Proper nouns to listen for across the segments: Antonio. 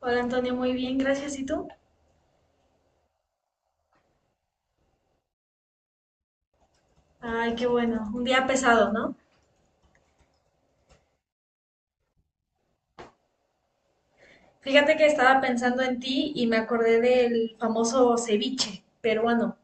Hola Antonio, muy bien, gracias. ¿Y tú? Ay, qué bueno. Un día pesado, ¿no? Fíjate que estaba pensando en ti y me acordé del famoso ceviche peruano.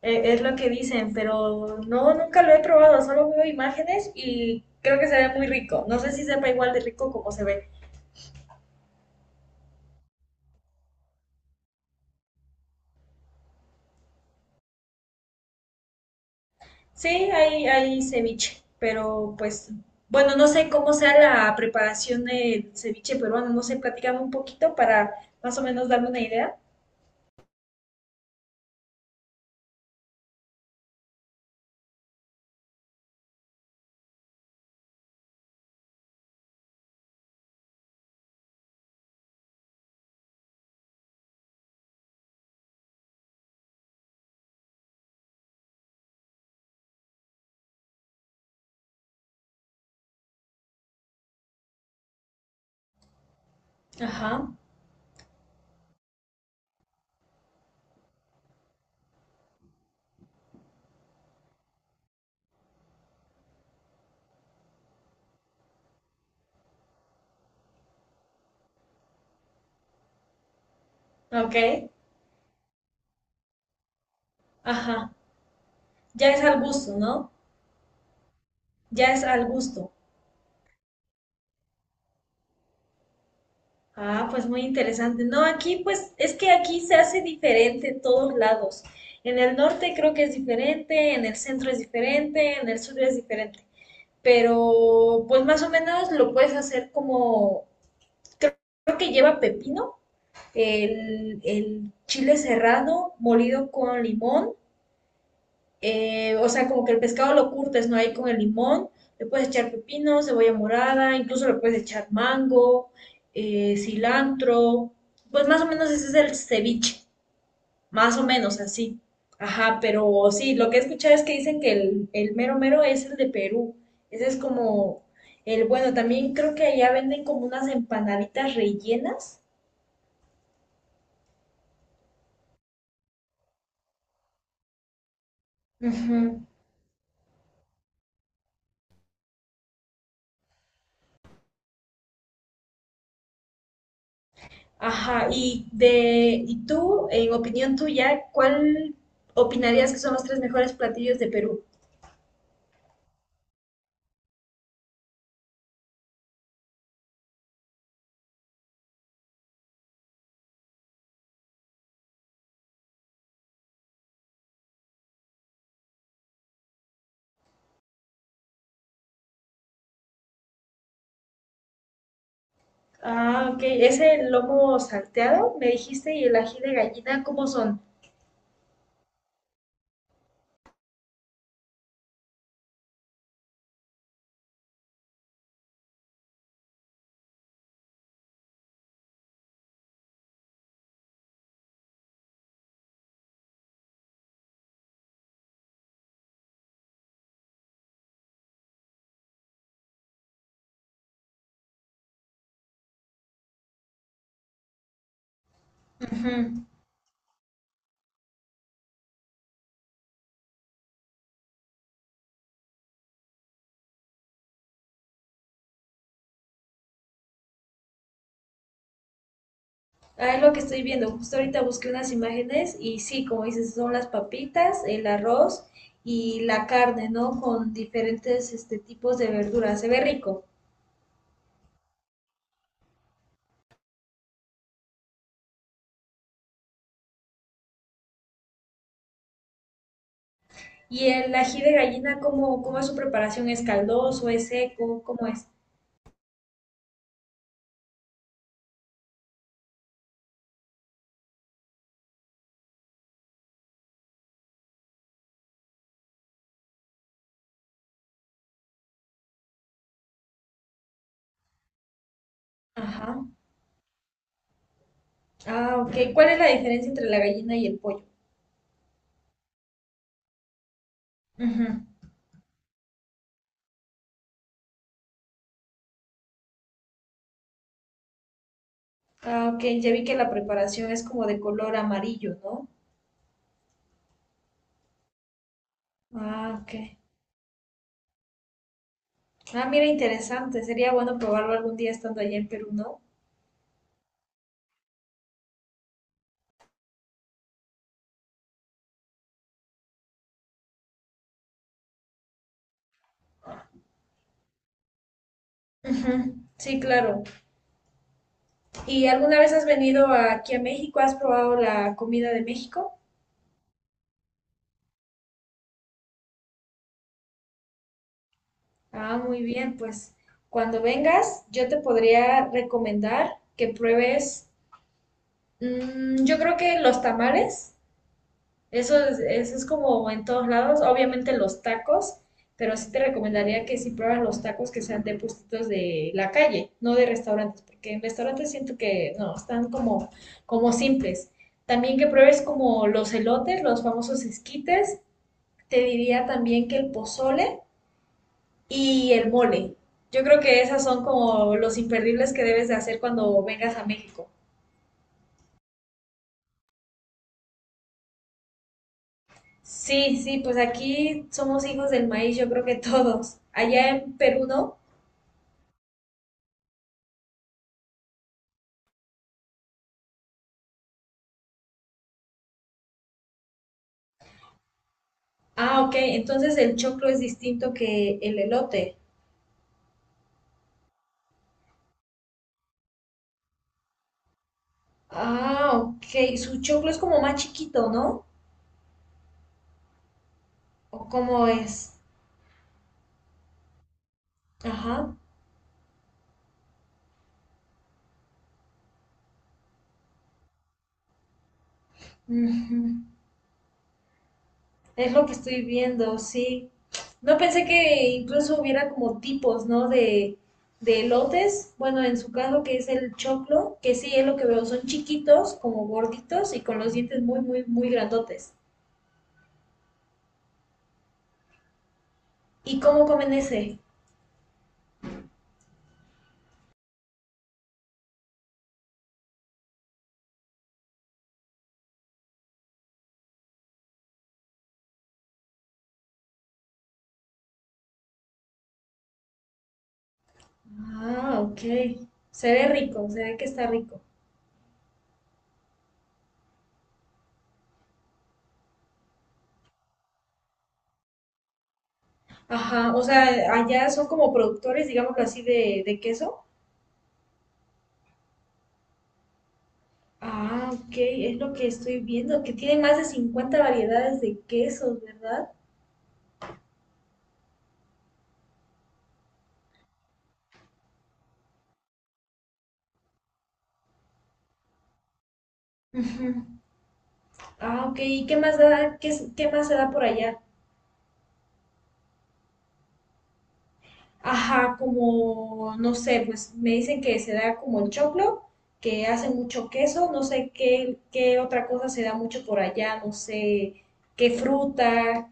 Es lo que dicen, pero no, nunca lo he probado. Solo veo imágenes y creo que se ve muy rico. No sé si sepa igual de rico como se ve. Sí, hay ceviche, pero pues, bueno, no sé cómo sea la preparación del ceviche peruano. No sé, platícame un poquito para más o menos darme una idea. Ajá, ok, ajá. Ya es al gusto, ¿no? Ya es al gusto. Ah, pues muy interesante. No, aquí pues es que aquí se hace diferente en todos lados. En el norte creo que es diferente, en el centro es diferente, en el sur es diferente. Pero pues más o menos lo puedes hacer como, creo, creo que lleva pepino, el chile cerrado molido con limón, o sea, como que el pescado lo curtes, ¿no? Ahí con el limón, le puedes echar pepino, cebolla morada, incluso le puedes echar mango, cilantro, pues más o menos ese es el ceviche, más o menos así. Ajá, pero sí, lo que he escuchado es que dicen que el mero mero es el de Perú. Ese es como el bueno. También creo que allá venden como unas empanaditas rellenas. Ujú. Ajá, y tú, en opinión tuya, ¿cuál opinarías que son los tres mejores platillos de Perú? Ah, ok. Ese lomo salteado, me dijiste, y el ají de gallina, ¿cómo son? Ujú. Ah, es lo que estoy viendo. Justo ahorita busqué unas imágenes y sí, como dices, son las papitas, el arroz y la carne, ¿no? Con diferentes este, tipos de verduras. Se ve rico. ¿Y el ají de gallina, cómo es su preparación? ¿Es caldoso? ¿Es seco? ¿Cómo es? Ajá. Ah, ok. ¿Cuál es la diferencia entre la gallina y el pollo? Ujú. Ah, ok. Ya vi que la preparación es como de color amarillo, ¿no? Ah, ok. Ah, mira, interesante. Sería bueno probarlo algún día estando allá en Perú, ¿no? Ujú. Sí, claro. ¿Y alguna vez has venido aquí a México? ¿Has probado la comida de México? Ah, muy bien. Pues cuando vengas, yo te podría recomendar que pruebes, yo creo que los tamales. Eso es como en todos lados. Obviamente los tacos, pero sí te recomendaría que si pruebas los tacos que sean de puestitos de la calle, no de restaurantes, porque en restaurantes siento que no, están como, como simples. También que pruebes como los elotes, los famosos esquites. Te diría también que el pozole y el mole. Yo creo que esas son como los imperdibles que debes de hacer cuando vengas a México. Sí, sí, pues aquí somos hijos del maíz, yo creo que todos. Allá en Perú, ¿no? Ah, ok. Entonces el choclo es distinto que el elote. Ah, ok. Su choclo es como más chiquito, ¿no? ¿O cómo es? Ajá. Ujú. Es lo que estoy viendo, sí. No pensé que incluso hubiera como tipos, ¿no? De elotes. Bueno, en su caso que es el choclo, que sí es lo que veo. Son chiquitos, como gorditos y con los dientes muy, muy, muy grandotes. ¿Y cómo comen ese? Ah, ok. Se ve rico, se ve que está rico. Ajá, o sea, allá son como productores, digámoslo así, de queso. Ah, ok, es lo que estoy viendo, que tienen más de 50 variedades de quesos, ¿verdad? Ujú. Ah, ok, ¿y qué más da, qué, es- qué más se da por allá? Ajá, como, no sé, pues me dicen que se da como el choclo, que hace mucho queso, no sé qué, qué otra cosa se da mucho por allá, no sé, qué fruta.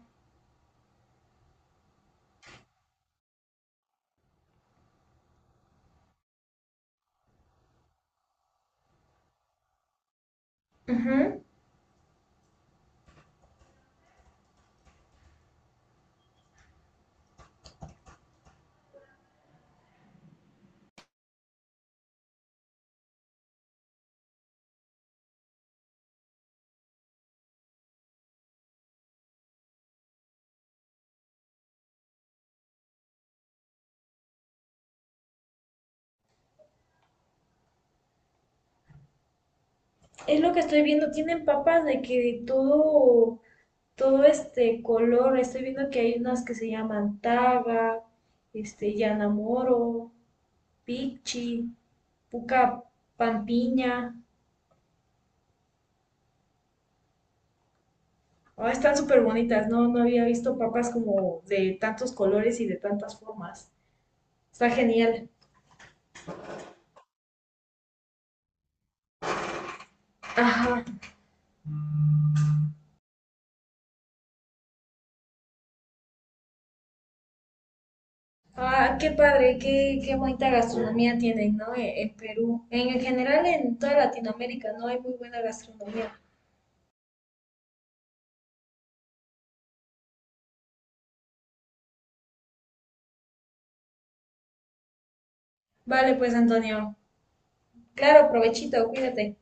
Ujú. Es lo que estoy viendo, tienen papas de que de todo este color. Estoy viendo que hay unas que se llaman Taga, este, Yanamoro, Pichi, Puca Pampiña. Ah, están súper bonitas, ¿no? No había visto papas como de tantos colores y de tantas formas. Está genial. Ajá. Ah, qué padre, qué bonita gastronomía tienen, ¿no? E- En Perú. En general, en toda Latinoamérica, ¿no? Hay muy buena gastronomía. Vale, pues, Antonio. Claro, provechito, cuídate.